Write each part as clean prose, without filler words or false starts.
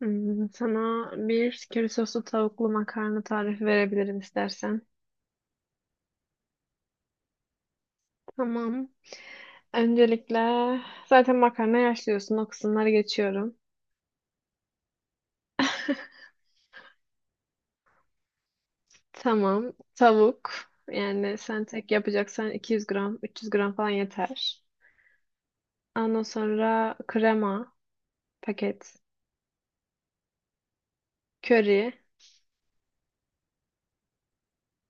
Sana bir köri soslu tavuklu makarna tarifi verebilirim istersen. Tamam. Öncelikle zaten makarna yaşlıyorsun. O kısımları geçiyorum. Tamam. Tavuk. Yani sen tek yapacaksan 200 gram, 300 gram falan yeter. Ondan sonra krema paket. Köri.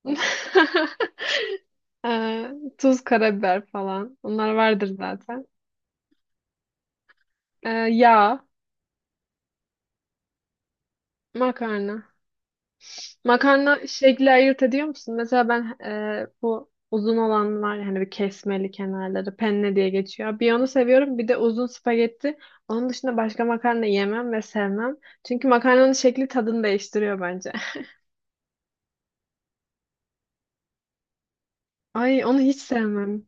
Ee, tuz, karabiber falan. Bunlar vardır zaten. Yağ, makarna. Makarna şekli ayırt ediyor musun? Mesela ben bu uzun olan var ya, hani bir kesmeli kenarları penne diye geçiyor. Bir onu seviyorum bir de uzun spagetti. Onun dışında başka makarna yemem ve sevmem. Çünkü makarnanın şekli tadını değiştiriyor bence. Ay onu hiç sevmem.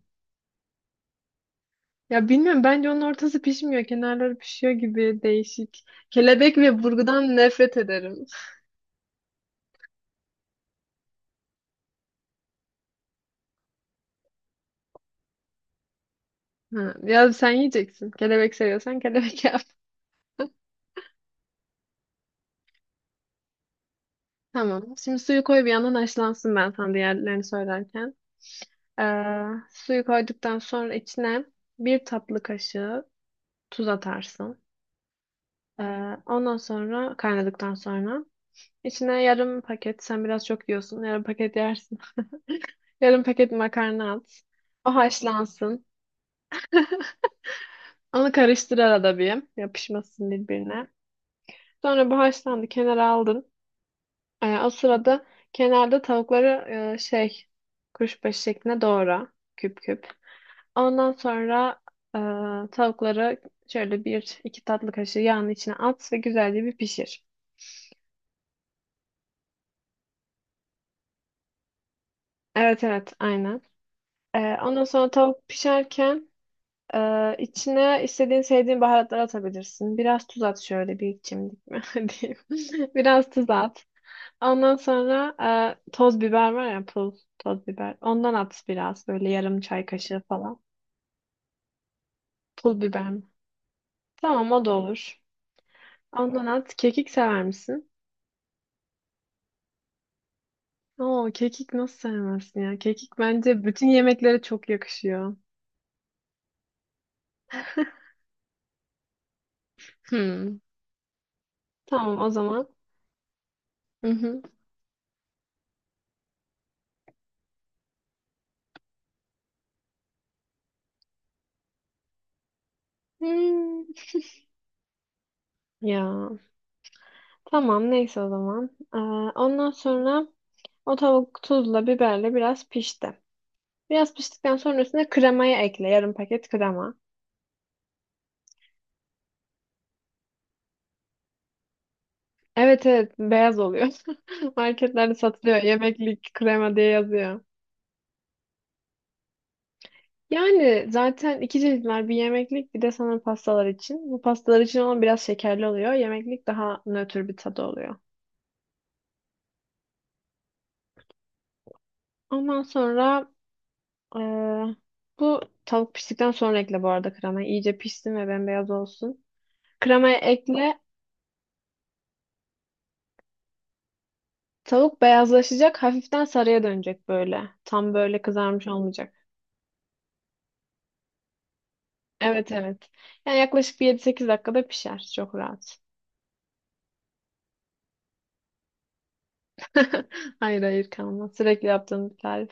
Ya bilmiyorum bence onun ortası pişmiyor. Kenarları pişiyor gibi değişik. Kelebek ve burgudan nefret ederim. Ha, ya sen yiyeceksin. Kelebek seviyorsan kelebek yap. Tamam. Şimdi suyu koy bir yandan haşlansın ben sana diğerlerini söylerken. Suyu koyduktan sonra içine bir tatlı kaşığı tuz atarsın. Ee, ondan sonra kaynadıktan sonra içine yarım paket sen biraz çok yiyorsun yarım paket yersin. Yarım paket makarna at. O haşlansın. Onu karıştır arada bir. Yapışmasın birbirine. Sonra bu haşlandı. Kenara aldın. O sırada kenarda tavukları e, şey kuşbaşı şeklinde doğra. Küp küp. Ondan sonra tavukları şöyle bir iki tatlı kaşığı yağın içine at ve güzelce bir pişir. Evet evet aynen. Ondan sonra tavuk pişerken içine istediğin sevdiğin baharatları atabilirsin. Biraz tuz at şöyle bir çimdik mi diyeyim. Biraz tuz at. Ondan sonra toz biber var ya pul toz biber. Ondan at biraz böyle yarım çay kaşığı falan. Pul biber mi? Tamam o da olur. Ondan at. Kekik sever misin? Oo, kekik nasıl sevmezsin ya? Kekik bence bütün yemeklere çok yakışıyor. Hmm. Tamam o zaman. Hı hı. Hmm, Ya tamam neyse o zaman. Ondan sonra o tavuk tuzla biberle biraz pişti. Biraz piştikten sonra üstüne kremayı ekle. Yarım paket krema. Evet evet beyaz oluyor. Marketlerde satılıyor. Yemeklik krema diye yazıyor. Yani zaten iki çeşitler bir yemeklik bir de sanırım pastalar için. Bu pastalar için olan biraz şekerli oluyor. Yemeklik daha nötr bir tadı oluyor. Ondan sonra eee, bu tavuk piştikten sonra ekle bu arada kremayı. İyice pişsin ve bembeyaz olsun. Kremayı ekle. Tavuk beyazlaşacak. Hafiften sarıya dönecek böyle. Tam böyle kızarmış olmayacak. Evet evet. Yani yaklaşık bir 7-8 dakikada pişer. Çok rahat. Hayır hayır kalmaz. Sürekli yaptığım bir tarif.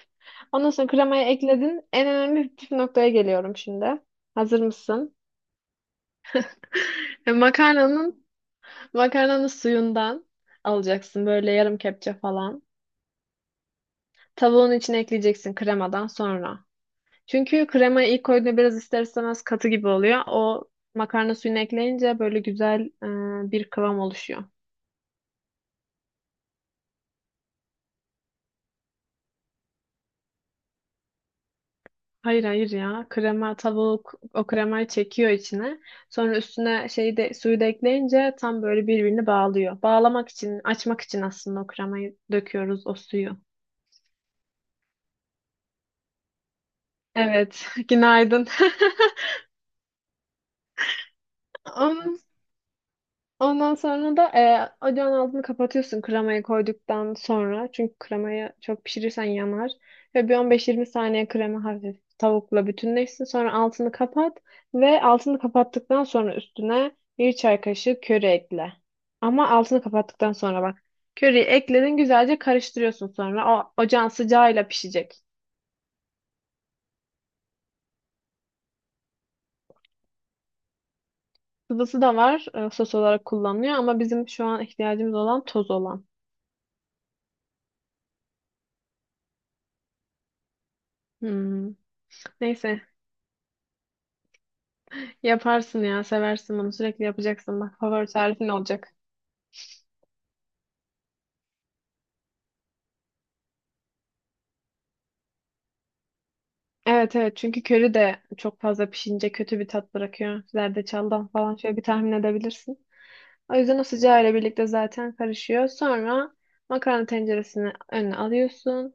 Ondan sonra kremayı ekledin. En önemli püf noktaya geliyorum şimdi. Hazır mısın? E, Makarnanın makarnanın suyundan alacaksın böyle yarım kepçe falan. Tavuğun içine ekleyeceksin kremadan sonra. Çünkü kremayı ilk koyduğunda biraz ister istemez katı gibi oluyor. O makarna suyunu ekleyince böyle güzel bir kıvam oluşuyor. Hayır hayır ya. Krema tavuk o kremayı çekiyor içine. Sonra üstüne şeyi de suyu da ekleyince tam böyle birbirini bağlıyor. Bağlamak için, açmak için aslında o kremayı döküyoruz o suyu. Evet, günaydın. Onun Ondan sonra da ocağın altını kapatıyorsun kremayı koyduktan sonra. Çünkü kremayı çok pişirirsen yanar. Ve bir 15-20 saniye krema hafif tavukla bütünleşsin. Sonra altını kapat ve altını kapattıktan sonra üstüne bir çay kaşığı köri ekle. Ama altını kapattıktan sonra bak. Köriyi ekledin güzelce karıştırıyorsun sonra. O ocağın sıcağıyla pişecek. Sıvısı da var sos olarak kullanılıyor ama bizim şu an ihtiyacımız olan toz olan. Hmm. Neyse yaparsın ya, seversin bunu. Sürekli yapacaksın. Bak favori tarifin olacak. Evet evet çünkü köri de çok fazla pişince kötü bir tat bırakıyor. Zerdeçaldan falan şöyle bir tahmin edebilirsin. O yüzden o sıcağı ile birlikte zaten karışıyor. Sonra makarna tenceresini önüne alıyorsun.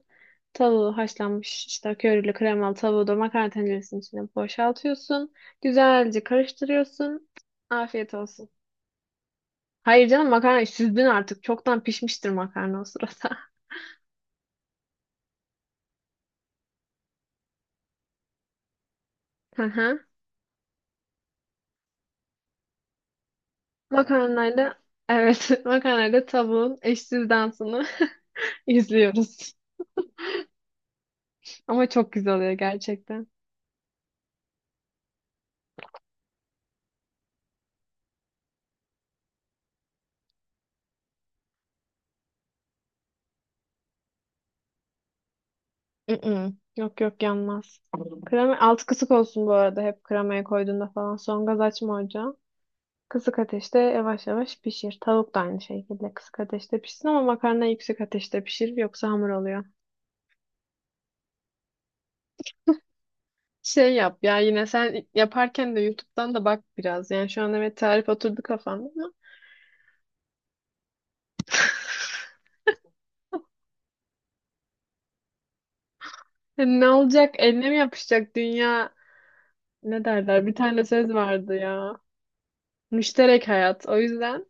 Tavuğu haşlanmış işte körili kremalı tavuğu da makarna tenceresinin içine boşaltıyorsun. Güzelce karıştırıyorsun. Afiyet olsun. Hayır canım makarna süzdün artık. Çoktan pişmiştir makarna o sırada. Hı hı. Makarnayla evet makarnayla tavuğun eşsiz dansını izliyoruz. Ama çok güzel oluyor gerçekten. Mm-mm. Yok yok yanmaz. Krema alt kısık olsun bu arada hep kremaya koyduğunda falan. Son gaz açma ocağı. Kısık ateşte yavaş yavaş pişir. Tavuk da aynı şekilde kısık ateşte pişsin ama makarna yüksek ateşte pişir yoksa hamur oluyor. Şey yap ya yine sen yaparken de YouTube'dan da bak biraz. Yani şu an evet tarif oturdu kafanda ama hani ne olacak? Eline mi yapışacak dünya? Ne derler? Bir tane söz vardı ya. Müşterek hayat. O yüzden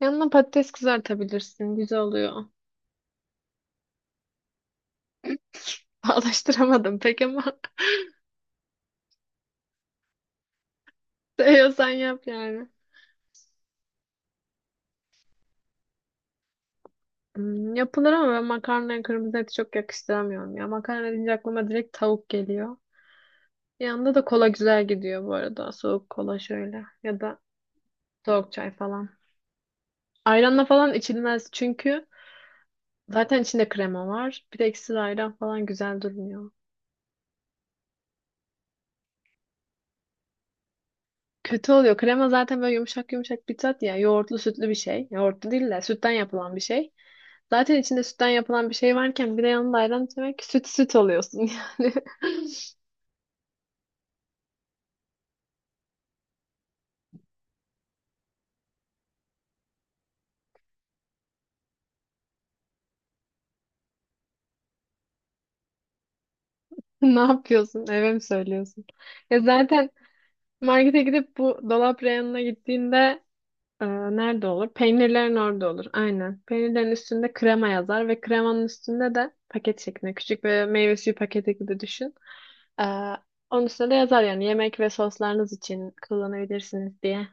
yanına patates kızartabilirsin. Güzel oluyor. Bağlaştıramadım pek ama seviyorsan yap yani. Yapılır ama ben makarnaya kırmızı eti çok yakıştıramıyorum ya. Makarna deyince aklıma direkt tavuk geliyor. Yanında da kola güzel gidiyor bu arada. Soğuk kola şöyle. Ya da soğuk çay falan. Ayranla falan içilmez çünkü zaten içinde krema var. Bir de ekşili ayran falan güzel durmuyor. Kötü oluyor. Krema zaten böyle yumuşak yumuşak bir tat ya. Yoğurtlu sütlü bir şey. Yoğurtlu değil de sütten yapılan bir şey. Zaten içinde sütten yapılan bir şey varken bir de yanında ayran içmek süt süt oluyorsun yani. Ne yapıyorsun? Eve mi söylüyorsun? Ya zaten markete gidip bu dolap reyonuna gittiğinde Ee, nerede olur? Peynirlerin orada olur. Aynen. Peynirlerin üstünde krema yazar ve kremanın üstünde de paket şeklinde küçük ve meyve suyu paketi gibi düşün. Ee, onun üstünde de yazar yani yemek ve soslarınız için kullanabilirsiniz diye.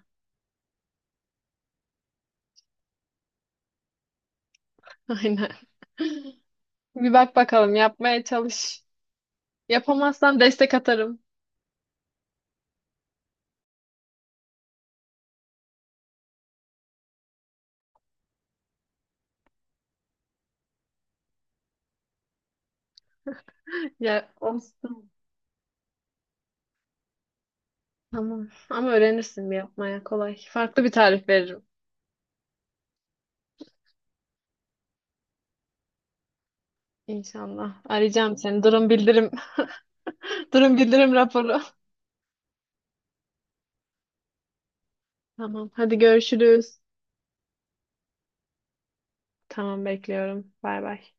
Aynen. Bir bak bakalım yapmaya çalış. Yapamazsan destek atarım. Ya olsun. Tamam. Ama öğrenirsin bir yapmaya kolay. Farklı bir tarif veririm. İnşallah. Arayacağım seni. Durum bildirim. Durum bildirim raporu. Tamam. Hadi görüşürüz. Tamam bekliyorum. Bay bay.